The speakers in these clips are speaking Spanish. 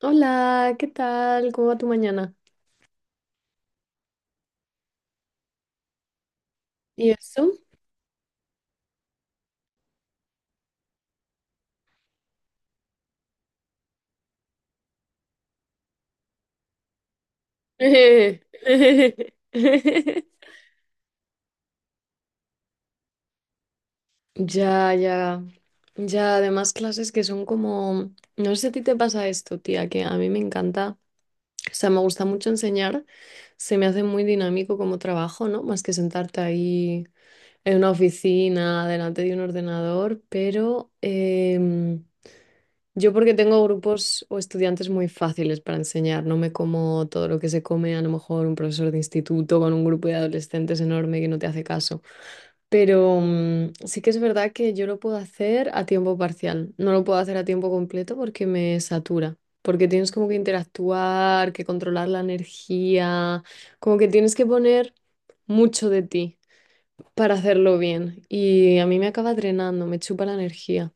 Hola, ¿qué tal? ¿Cómo va tu mañana? ¿Y eso? Ya, ya, ya, además clases que son como, no sé si a ti te pasa esto, tía, que a mí me encanta, o sea, me gusta mucho enseñar, se me hace muy dinámico como trabajo, ¿no? Más que sentarte ahí en una oficina, delante de un ordenador, pero yo porque tengo grupos o estudiantes muy fáciles para enseñar, no me como todo lo que se come a lo mejor un profesor de instituto con un grupo de adolescentes enorme que no te hace caso. Pero sí que es verdad que yo lo puedo hacer a tiempo parcial, no lo puedo hacer a tiempo completo porque me satura, porque tienes como que interactuar, que controlar la energía, como que tienes que poner mucho de ti para hacerlo bien y a mí me acaba drenando, me chupa la energía.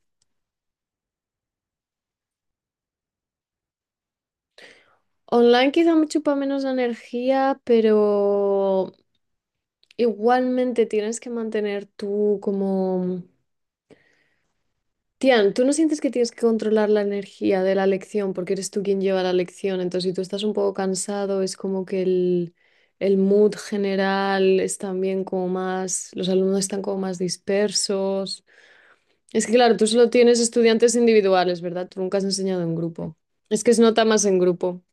Online quizá me chupa menos energía, pero igualmente tienes que mantener tú como... Tian, tú no sientes que tienes que controlar la energía de la lección porque eres tú quien lleva la lección. Entonces, si tú estás un poco cansado, es como que el mood general es también como más... Los alumnos están como más dispersos. Es que claro, tú solo tienes estudiantes individuales, ¿verdad? Tú nunca has enseñado en grupo. Es que se nota más en grupo.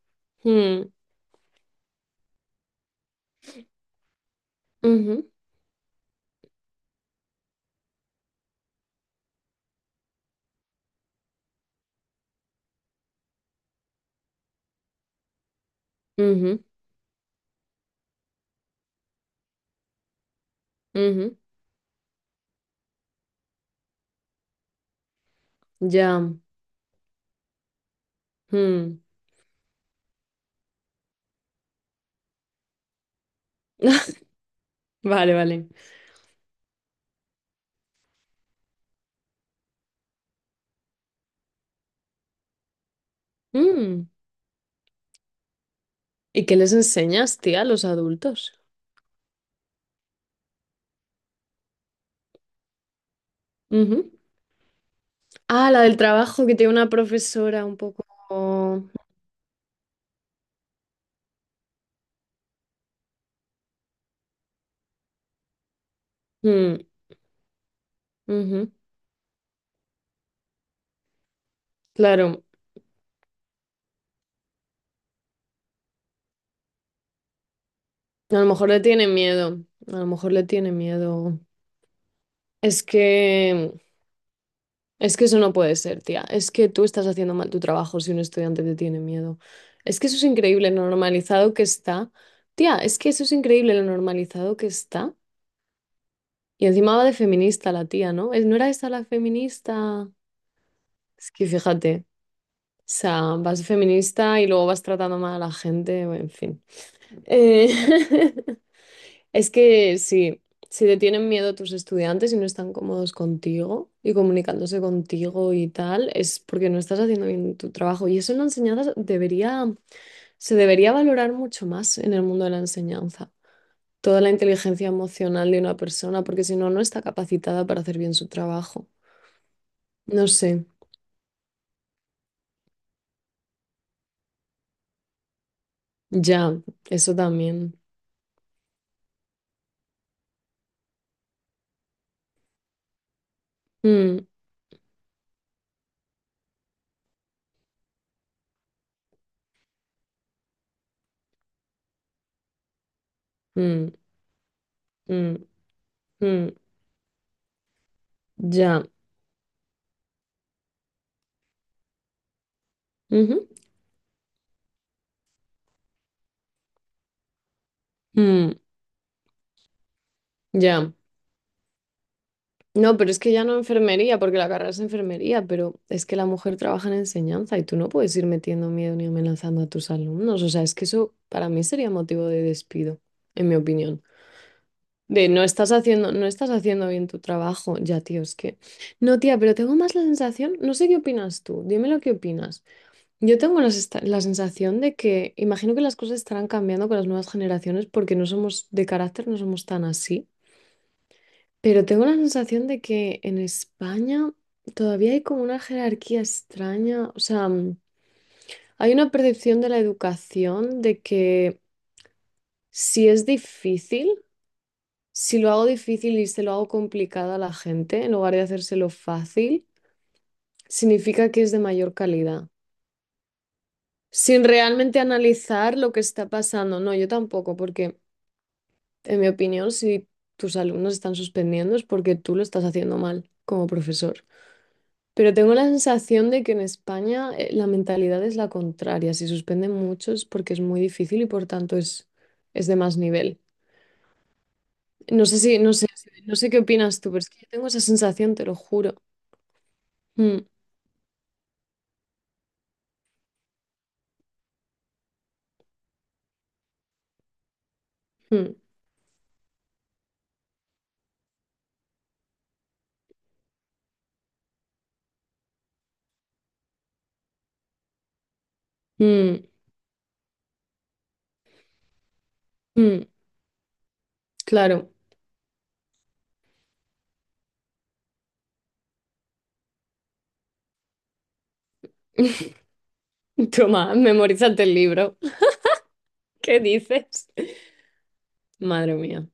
Hmm, ujú, ujú, ujú. Ya. Mm. Vale, vale. Mm. ¿Y qué les enseñas, tía, a los adultos? Ujú. Ah, la del trabajo, que tiene una profesora un poco... Mm, ujú. Claro, a lo mejor le tiene miedo, a lo mejor le tiene miedo. Es que, es que eso no puede ser, tía. Es que tú estás haciendo mal tu trabajo si un estudiante te tiene miedo. Es que eso es increíble, lo normalizado que está. Tía, es que eso es increíble, lo normalizado que está. Y encima va de feminista la tía, ¿no? ¿No era esa la feminista? Es que fíjate, o sea, vas feminista y luego vas tratando mal a la gente, bueno, en fin. Eh, es que sí, si te tienen miedo tus estudiantes y no están cómodos contigo y comunicándose contigo y tal, es porque no estás haciendo bien tu trabajo. Y eso en la enseñanza se debería valorar mucho más en el mundo de la enseñanza. Toda la inteligencia emocional de una persona, porque si no, no está capacitada para hacer bien su trabajo. No sé, ya, eso también. Mm, mm, mm, mm, ya. Ujú, mm, ya. No, pero es que ya no enfermería, porque la carrera es enfermería, pero es que la mujer trabaja en enseñanza y tú no puedes ir metiendo miedo ni amenazando a tus alumnos. O sea, es que eso para mí sería motivo de despido, en mi opinión. De no estás haciendo bien tu trabajo. Ya, tío, es que. No, tía, pero tengo más la sensación, no sé qué opinas tú, dime lo que opinas. Yo tengo la sensación de que imagino que las cosas estarán cambiando con las nuevas generaciones porque no somos de carácter, no somos tan así, pero tengo la sensación de que en España todavía hay como una jerarquía extraña, o sea, hay una percepción de la educación de que si es difícil, si lo hago difícil y se lo hago complicado a la gente, en lugar de hacérselo fácil, significa que es de mayor calidad sin realmente analizar lo que está pasando. No, yo tampoco, porque en mi opinión, si tus alumnos están suspendiendo es porque tú lo estás haciendo mal como profesor. Pero tengo la sensación de que en España la mentalidad es la contraria. Si suspenden muchos es porque es muy difícil y por tanto es de más nivel. No sé qué opinas tú, pero es que yo tengo esa sensación, te lo juro. Mm, mm, mm, mm. Claro. Toma, memorízate el libro. ¿Qué dices? Madre mía.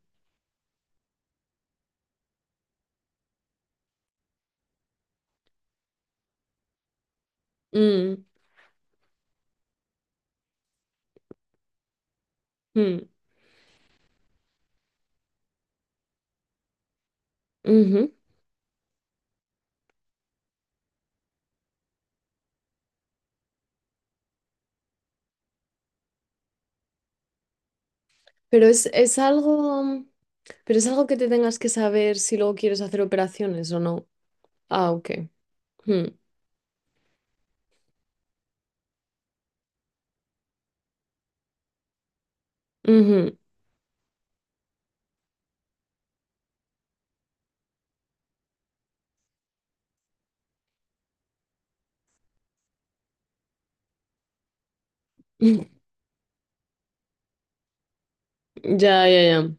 Mm, mm, ujú. Es algo. Pero es algo que te tengas que saber si luego quieres hacer operaciones o no. Ah, ok. Hmm. Ujú. Ya, ya, ya.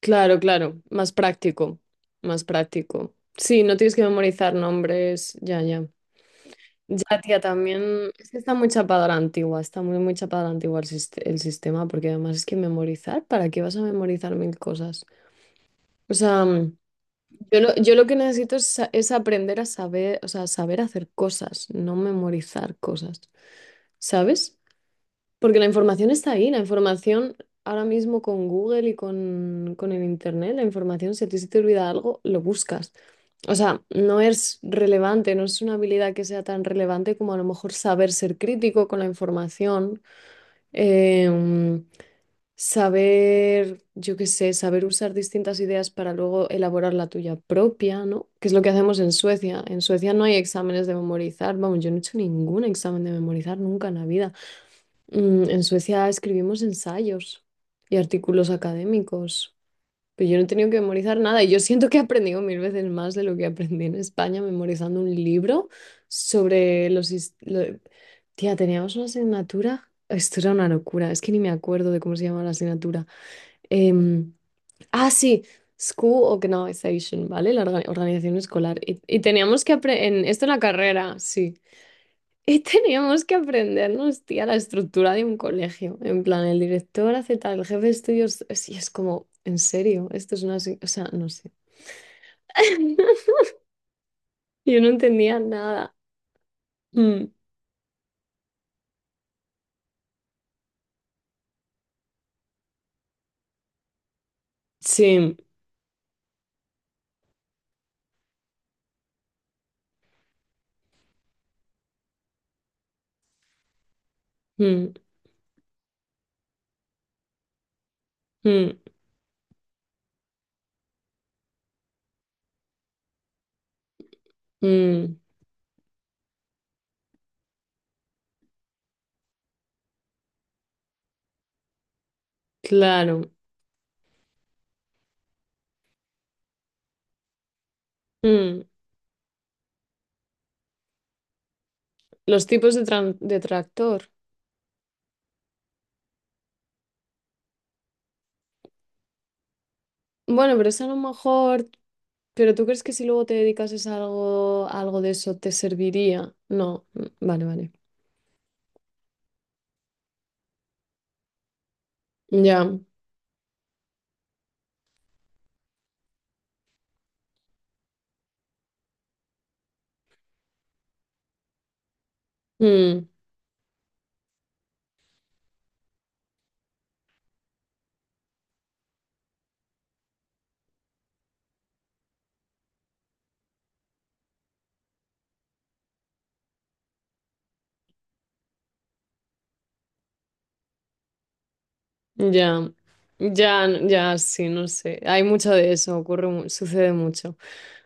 Claro, claro. Más práctico. Más práctico. Sí, no tienes que memorizar nombres. Ya, ya. Ya, tía, también. Es que está muy chapada a la antigua. Está muy, muy chapada a la antigua el sistema. Porque además es que memorizar. ¿Para qué vas a memorizar mil cosas? O sea, mm, yo lo que necesito es, es aprender a saber, o sea, saber hacer cosas, no memorizar cosas. ¿Sabes? Porque la información está ahí, la información ahora mismo con Google y con el Internet, la información, si a ti se te olvida algo, lo buscas. O sea, no es relevante, no es una habilidad que sea tan relevante como a lo mejor saber ser crítico con la información, em, saber, yo qué sé, saber usar distintas ideas para luego elaborar la tuya propia, ¿no? Que es lo que hacemos en Suecia. En Suecia no hay exámenes de memorizar, vamos, yo no he hecho ningún examen de memorizar nunca en la vida. En Suecia escribimos ensayos y artículos académicos, pero yo no he tenido que memorizar nada y yo siento que he aprendido mil veces más de lo que aprendí en España memorizando un libro sobre tía, teníamos una asignatura. Esto era una locura, es que ni me acuerdo de cómo se llama la asignatura. Em, ah, sí, School Organization, ¿vale? La organización escolar. Y teníamos que aprender... Esto en la carrera, sí. Y teníamos que aprendernos, tía, la estructura de un colegio. En plan, el director hace tal, el jefe de estudios. Y es como, en serio, esto es una. Se- o sea, no sé. Yo no entendía nada. Mm, sí. Mm, mm, mm, claro. Mm, los tipos de, de tractor. Bueno, pero eso a lo mejor. ¿Pero tú crees que si luego te dedicases a algo de eso te serviría? No. Mm, vale, vale. Ya. Mm. Ya, ya, sí, no sé. Hay mucho de eso, sucede mucho.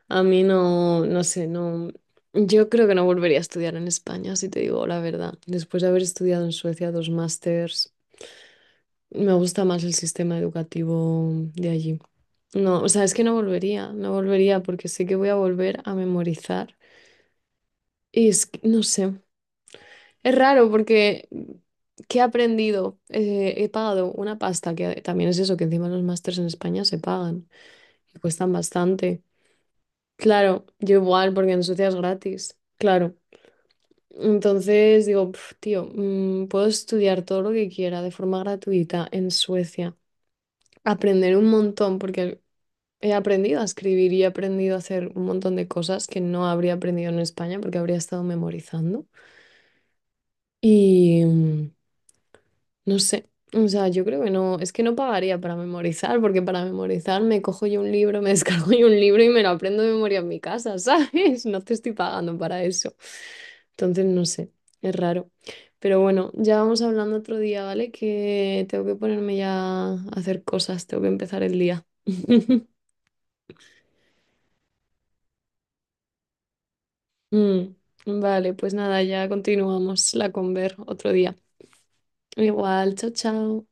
A mí no, no sé, no. Yo creo que no volvería a estudiar en España, si te digo la verdad. Después de haber estudiado en Suecia dos másters, me gusta más el sistema educativo de allí. No, o sea, es que no volvería porque sé que voy a volver a memorizar. Y es que, no sé, es raro porque ¿qué he aprendido? He pagado una pasta, que también es eso, que encima los másters en España se pagan, que cuestan bastante. Claro, yo igual, porque en Suecia es gratis. Claro. Entonces digo, "Pf, puedo estudiar todo lo que quiera de forma gratuita en Suecia. Aprender un montón, porque he aprendido a escribir y he aprendido a hacer un montón de cosas que no habría aprendido en España porque habría estado memorizando. Y, no sé, o sea, yo creo que no, es que no pagaría para memorizar, porque para memorizar me cojo yo un libro, me descargo yo un libro y me lo aprendo de memoria en mi casa, ¿sabes? No te estoy pagando para eso. Entonces, no sé, es raro. Pero bueno, ya vamos hablando otro día, ¿vale? Que tengo que ponerme ya a hacer cosas, tengo que empezar el día. Mm, vale, pues nada, ya continuamos la conver otro día. Igual, chao, chao.